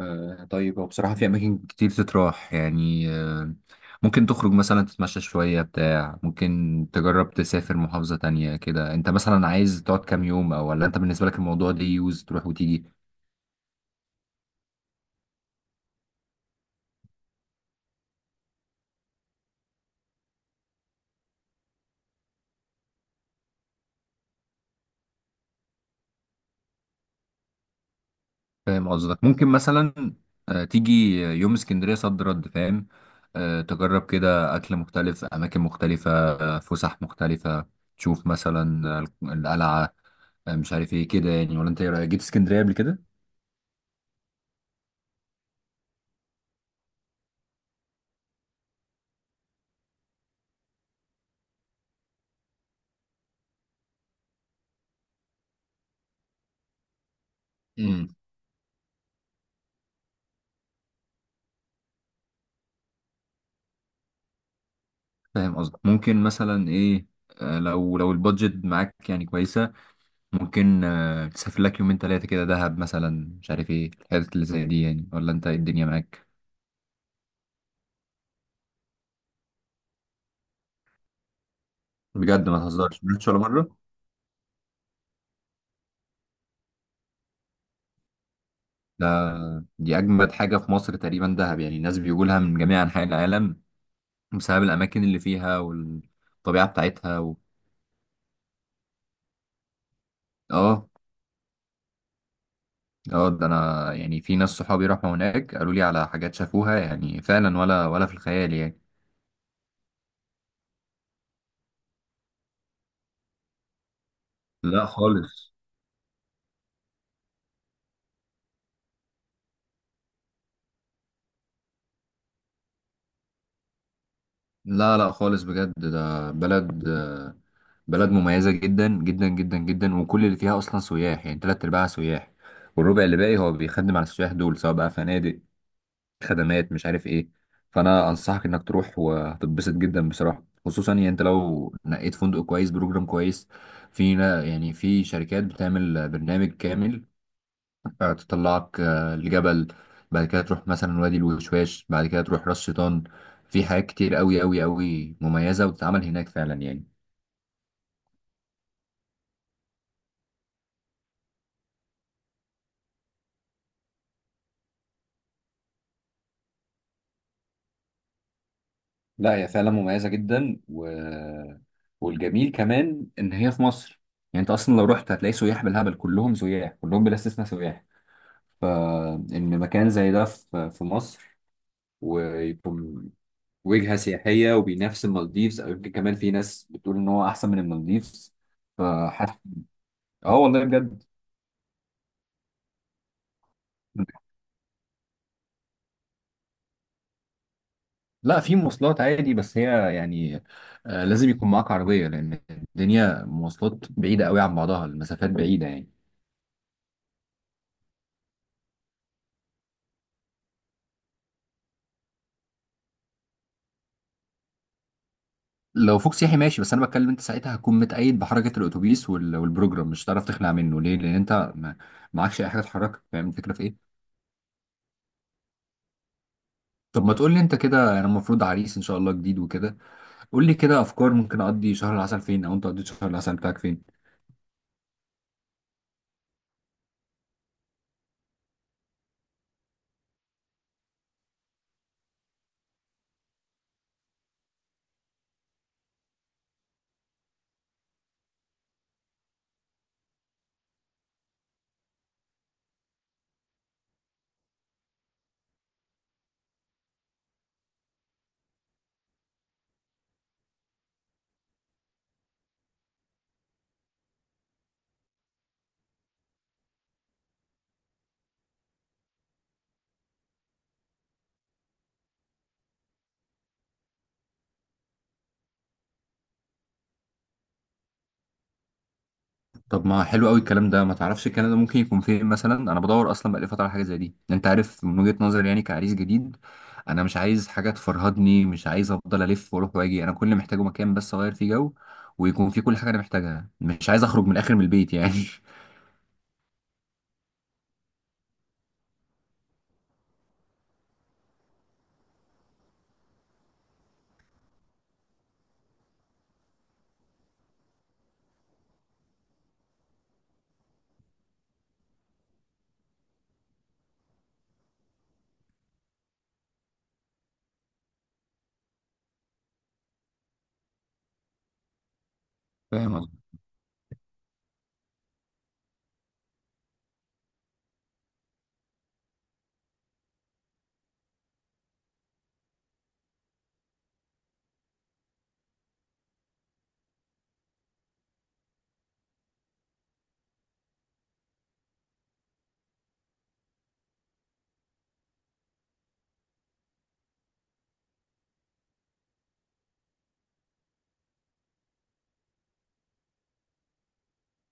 طيب هو بصراحة في أماكن كتير تتراح يعني ممكن تخرج مثلا تتمشى شوية بتاع. ممكن تجرب تسافر محافظة تانية كده. أنت مثلا عايز تقعد كام يوم، أو ولا أنت بالنسبة لك الموضوع ليه يوز تروح وتيجي؟ فاهم قصدك. ممكن مثلا تيجي يوم اسكندرية صد رد فاهم. تجرب كده أكل مختلف، أماكن مختلفة، فسح مختلفة. تشوف مثلا القلعة، مش عارف ايه كده يعني. ولا أنت إيه رأيك، جيت اسكندرية قبل كده؟ فاهم قصدك. ممكن مثلا ايه، لو البادجت معاك يعني كويسة. ممكن تسافر لك يومين ثلاثة كده دهب مثلا، مش عارف ايه الحاجات اللي زي دي يعني. ولا انت إيه الدنيا معاك؟ بجد ما تهزرش، ما رحتش ولا مرة؟ ده دي أجمد حاجة في مصر تقريبا، دهب، يعني الناس بيقولها لها من جميع أنحاء العالم بسبب الأماكن اللي فيها والطبيعة بتاعتها اه اه، ده أنا يعني في ناس صحابي راحوا هناك قالوا لي على حاجات شافوها يعني فعلا، ولا في الخيال يعني. لا خالص. لا لا خالص بجد. ده بلد مميزة جدا جدا جدا جدا، وكل اللي فيها أصلا سياح، يعني تلات أرباعها سياح والربع اللي باقي هو بيخدم على السياح دول، سواء بقى فنادق، خدمات، مش عارف إيه. فأنا أنصحك إنك تروح وهتتبسط جدا بصراحة، خصوصا يعني أنت لو نقيت فندق كويس، بروجرام كويس. يعني في شركات بتعمل برنامج كامل، تطلعك لجبل، بعد كده تروح مثلا وادي الوشواش، بعد كده تروح راس شيطان. في حاجات كتير قوي قوي قوي مميزة وتتعمل هناك فعلا يعني. لا هي فعلا مميزة جدا والجميل كمان إن هي في مصر. يعني أنت أصلا لو رحت هتلاقي سياح بالهبل، كلهم سياح، كلهم بلا استثناء سياح. فإن مكان زي ده في مصر ويكون وجهة سياحية وبينافس المالديفز، أو يمكن كمان في ناس بتقول إن هو أحسن من المالديفز. فحاسس. آه والله بجد. لا في مواصلات عادي، بس هي يعني لازم يكون معاك عربية، لأن الدنيا مواصلات بعيدة قوي عن بعضها، المسافات بعيدة يعني. لو فوق سياحي ماشي، بس أنا بتكلم أنت ساعتها هتكون متقيد بحركة الأتوبيس والبروجرام، مش هتعرف تخلع منه. ليه؟ لأن أنت ما معكش أي حاجة تحركك. فاهم الفكرة في إيه؟ طب ما تقول لي أنت كده، أنا المفروض عريس إن شاء الله جديد وكده. قول لي كده أفكار، ممكن أقضي شهر العسل فين، أو أنت قضيت شهر العسل بتاعك فين؟ طب ما حلو قوي الكلام ده. ما تعرفش كندا ممكن يكون فين مثلا؟ انا بدور اصلا بقالي فتره على حاجه زي دي، يعني انت عارف، من وجهه نظري يعني كعريس جديد، انا مش عايز حاجه تفرهدني، مش عايز افضل الف واروح واجي. انا كل اللي محتاجه مكان بس اغير فيه جو ويكون فيه كل حاجه انا محتاجها، مش عايز اخرج من الاخر من البيت يعني. فاهم قصدي.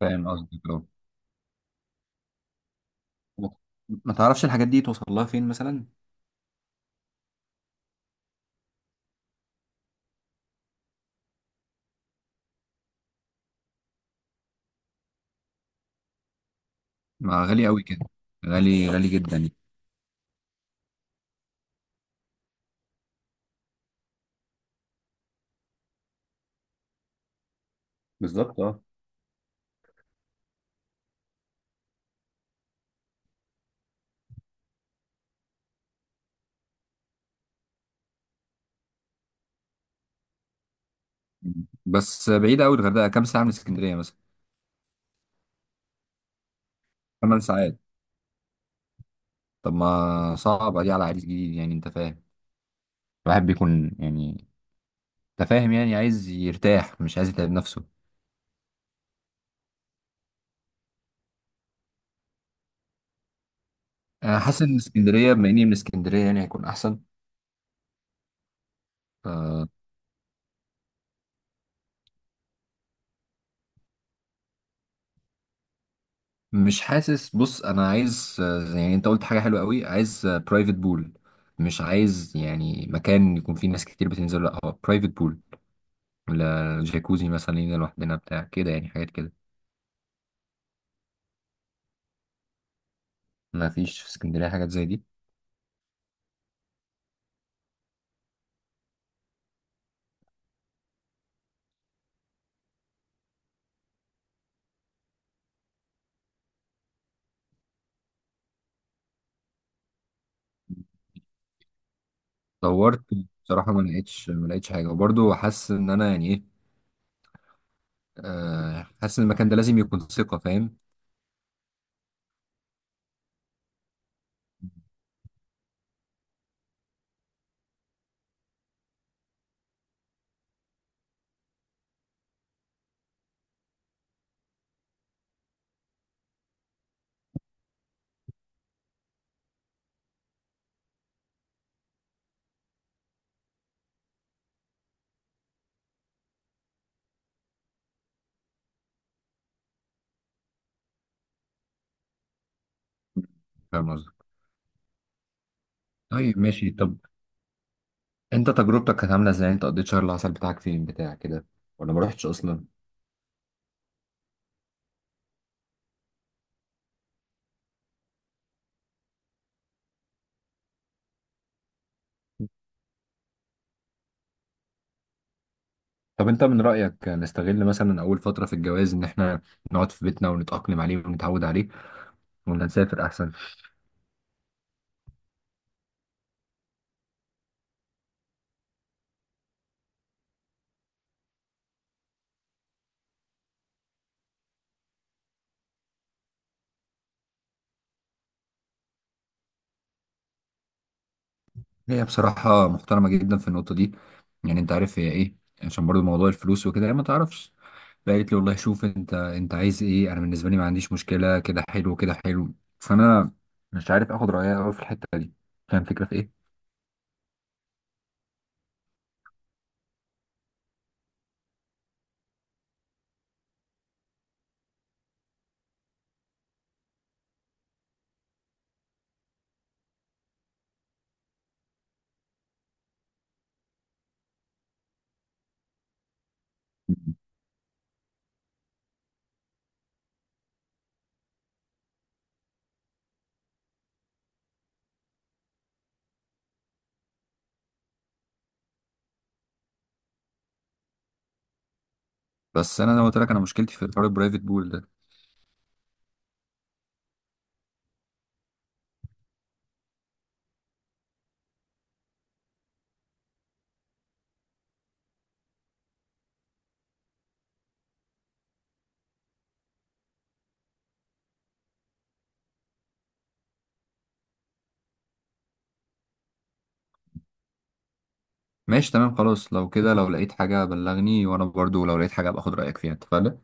فاهم قصدي. ما تعرفش الحاجات دي توصل لها فين مثلا؟ ما غالي قوي كده، غالي غالي جدا يعني. بالظبط اه. بس بعيدة أوي الغردقة، كام ساعة من اسكندرية مثلا؟ 8 ساعات. طب ما صعبة دي على عريس جديد، يعني انت فاهم، الواحد بيكون يعني، انت فاهم يعني عايز يرتاح، مش عايز يتعب نفسه. انا حاسس ان اسكندرية بما اني من اسكندرية يعني هيكون احسن. ف- مش حاسس. بص انا عايز يعني انت قلت حاجة حلوة قوي، عايز برايفت بول. مش عايز يعني مكان يكون فيه ناس كتير بتنزل، لا هو برايفت بول، جاكوزي مثلا لينا لوحدنا بتاع كده، يعني حاجات كده. ما فيش في اسكندرية حاجات زي دي؟ دورت، بصراحة ما لقيتش، ما لقيتش حاجة، وبرضه حاسس ان انا يعني ايه، حاسس ان المكان ده لازم يكون ثقة، فاهم؟ فاهم قصدك. طيب ماشي، طب انت تجربتك كانت عاملة ازاي، انت قضيت شهر العسل بتاعك فين بتاع كده، ولا ما رحتش اصلا؟ طب انت من رأيك نستغل مثلا اول فترة في الجواز ان احنا نقعد في بيتنا ونتأقلم عليه ونتعود عليه، ولا نسافر احسن؟ هي بصراحة محترمة جدا في النقطة دي. يعني انت عارف هي ايه، عشان برضو موضوع الفلوس وكده هي ما تعرفش. فقالت لي والله شوف انت، انت عايز ايه، انا بالنسبة لي ما عنديش مشكلة، كده حلو كده حلو. فانا مش عارف اخد رأيها قوي في الحتة دي، كان فكرة في ايه. بس انا لو قلت لك، انا مشكلتي في حوار البرايفت بول ده. ماشي تمام خلاص، لو كده لو لقيت حاجة بلغني، وانا برضو لو لقيت حاجة باخد رأيك فيها، اتفقنا؟